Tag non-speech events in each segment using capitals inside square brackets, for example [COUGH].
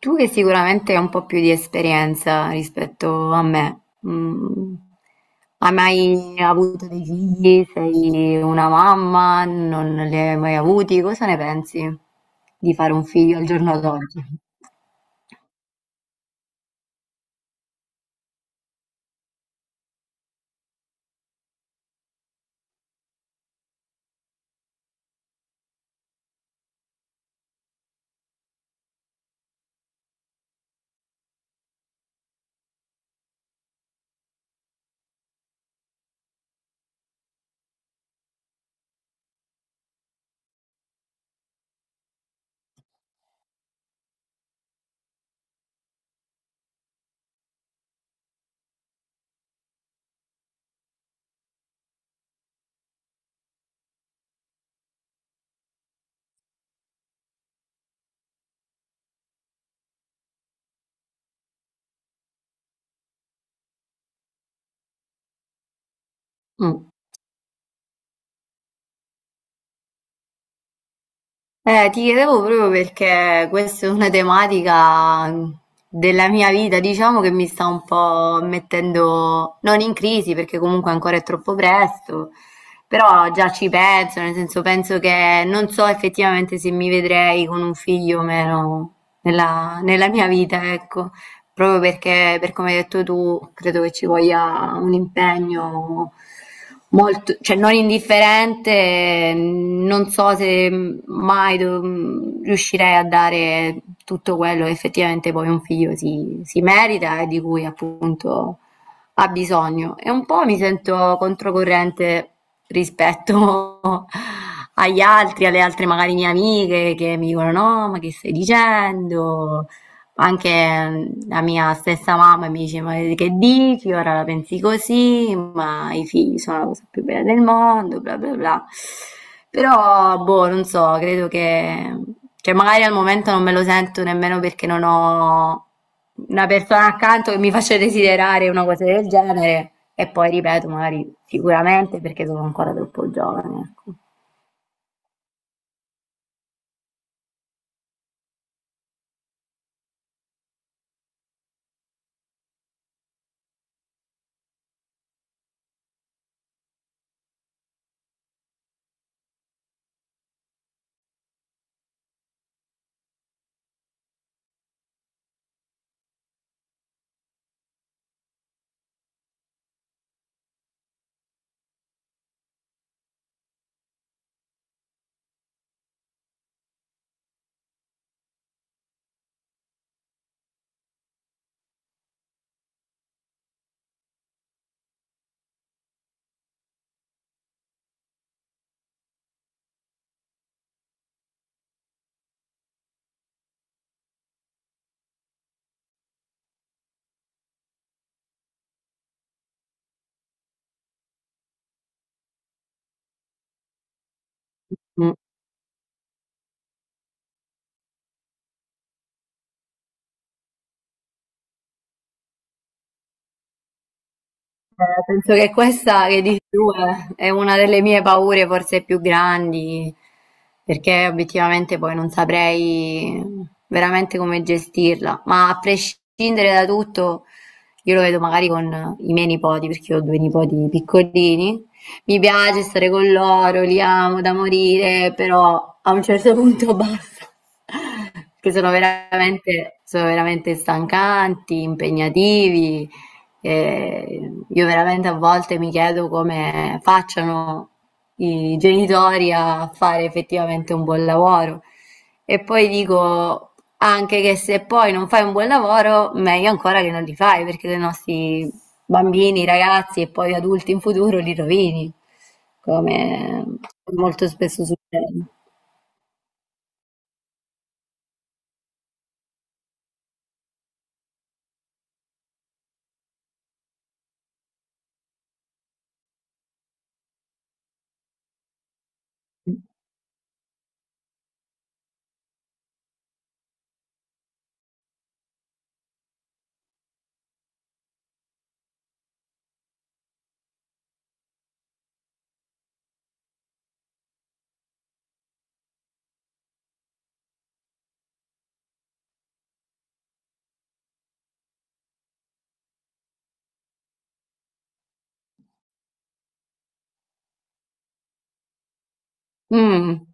Tu che sicuramente hai un po' più di esperienza rispetto a me, mm, hai mai avuto dei figli? Sei una mamma? Non li hai mai avuti? Cosa ne pensi di fare un figlio al giorno d'oggi? Mm. Ti chiedevo proprio perché questa è una tematica della mia vita, diciamo che mi sta un po' mettendo non in crisi perché comunque ancora è troppo presto, però già ci penso, nel senso penso che non so effettivamente se mi vedrei con un figlio o meno nella mia vita, ecco. Proprio perché, per come hai detto tu, credo che ci voglia un impegno molto, cioè non indifferente, non so se mai riuscirei a dare tutto quello che effettivamente poi un figlio si merita e di cui appunto ha bisogno. E un po' mi sento controcorrente rispetto [LAUGHS] agli altri, alle altre magari mie amiche che mi dicono no, ma che stai dicendo? Anche la mia stessa mamma mi dice: Ma che dici? Ora la pensi così, ma i figli sono la cosa più bella del mondo, bla bla bla. Però, boh, non so, credo che, cioè, magari al momento non me lo sento nemmeno perché non ho una persona accanto che mi faccia desiderare una cosa del genere. E poi ripeto, magari sicuramente perché sono ancora troppo giovane, ecco. Mm. Penso che questa che dici tu è una delle mie paure forse più grandi, perché obiettivamente poi non saprei veramente come gestirla, ma a prescindere da tutto, io lo vedo magari con i miei nipoti, perché ho due nipoti piccolini, mi piace stare con loro, li amo da morire, però a un certo punto [LAUGHS] basta, perché sono veramente stancanti, impegnativi. E io veramente a volte mi chiedo come facciano i genitori a fare effettivamente un buon lavoro. E poi dico anche che se poi non fai un buon lavoro, meglio ancora che non li fai, perché i nostri bambini, ragazzi e poi adulti in futuro li rovini, come molto spesso succede. Mm.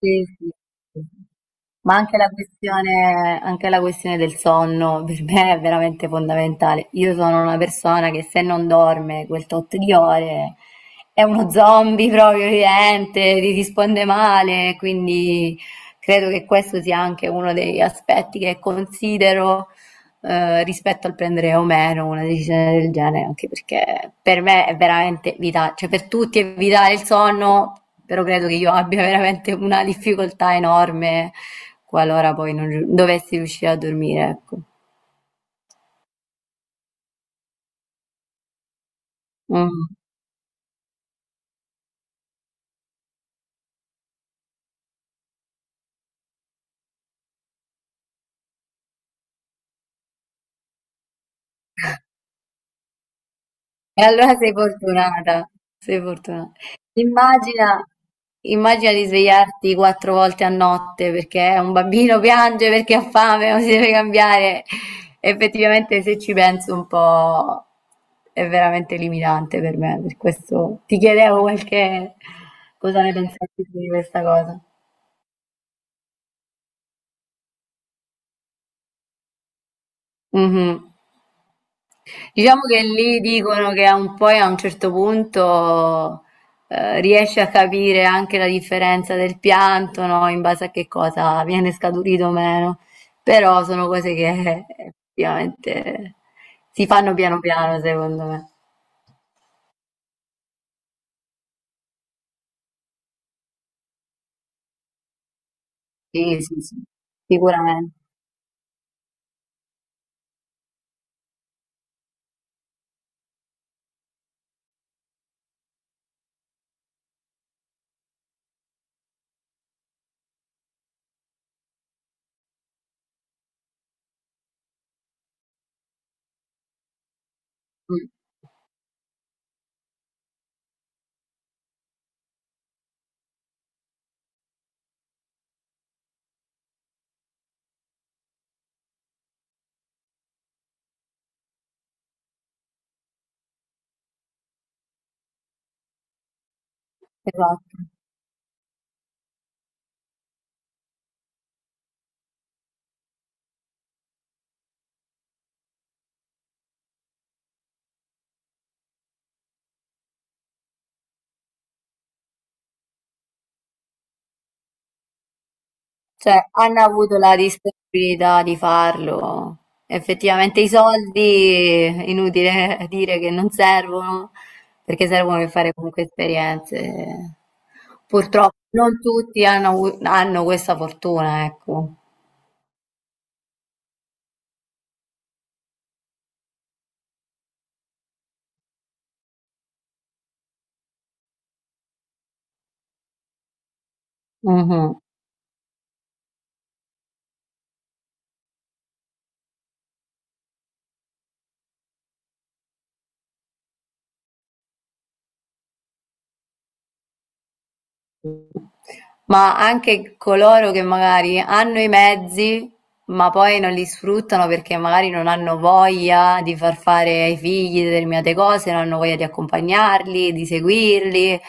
Sì, sì, sì. Ma anche la questione del sonno [LAUGHS] per me è veramente fondamentale. Io sono una persona che se non dorme quel tot di ore è uno zombie proprio vivente, ti risponde male, quindi credo che questo sia anche uno degli aspetti che considero rispetto al prendere o meno una decisione del genere, anche perché per me è veramente vitale, cioè per tutti è vitale il sonno, però credo che io abbia veramente una difficoltà enorme qualora poi non dovessi riuscire a dormire, ecco. Mm. E allora sei fortunata, sei fortuna Immagina immagina di svegliarti 4 volte a notte perché un bambino piange perché ha fame o si deve cambiare. Effettivamente, se ci penso un po', è veramente limitante per me. Per questo ti chiedevo qualche cosa ne pensavi tu di questa cosa. Mhm. Diciamo che lì dicono che a un poi a un certo punto riesci a capire anche la differenza del pianto, no? In base a che cosa viene scaturito o meno. Però sono cose che [LAUGHS] effettivamente si fanno piano piano, secondo me. Sì, sì, sì, sicuramente. Mm, esatto. Cioè, hanno avuto la disponibilità di farlo. Effettivamente i soldi, inutile dire che non servono, perché servono per fare comunque esperienze. Purtroppo non tutti hanno, hanno questa fortuna, ecco. Mhm. Ma anche coloro che magari hanno i mezzi, ma poi non li sfruttano perché magari non hanno voglia di far fare ai figli determinate cose, non hanno voglia di accompagnarli, di seguirli.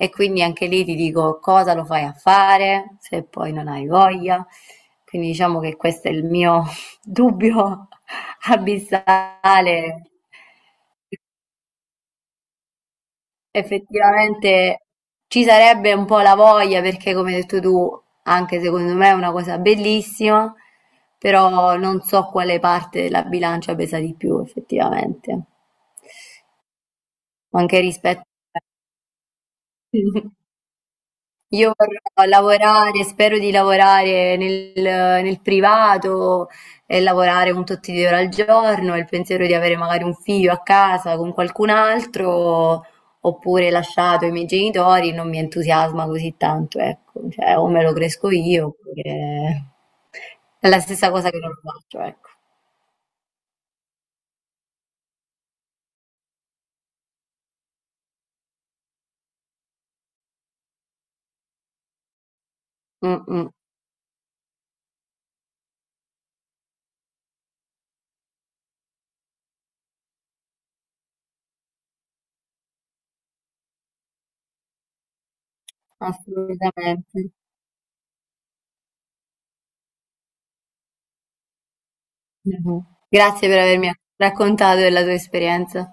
E quindi anche lì ti dico cosa lo fai a fare se poi non hai voglia. Quindi diciamo che questo è il mio [LAUGHS] dubbio [LAUGHS] abissale. Effettivamente ci sarebbe un po' la voglia perché, come hai detto tu, anche secondo me è una cosa bellissima, però non so quale parte della bilancia pesa di più, effettivamente, anche rispetto [LAUGHS] Io vorrò lavorare, spero di lavorare nel, nel privato e lavorare un tot di ore al giorno, e il pensiero di avere magari un figlio a casa con qualcun altro, oppure lasciato ai miei genitori, non mi entusiasma così tanto, ecco, cioè o me lo cresco io, oppure è la stessa cosa che non lo faccio, ecco. Mm, mm, assolutamente. Mhm. Grazie per avermi raccontato della tua esperienza.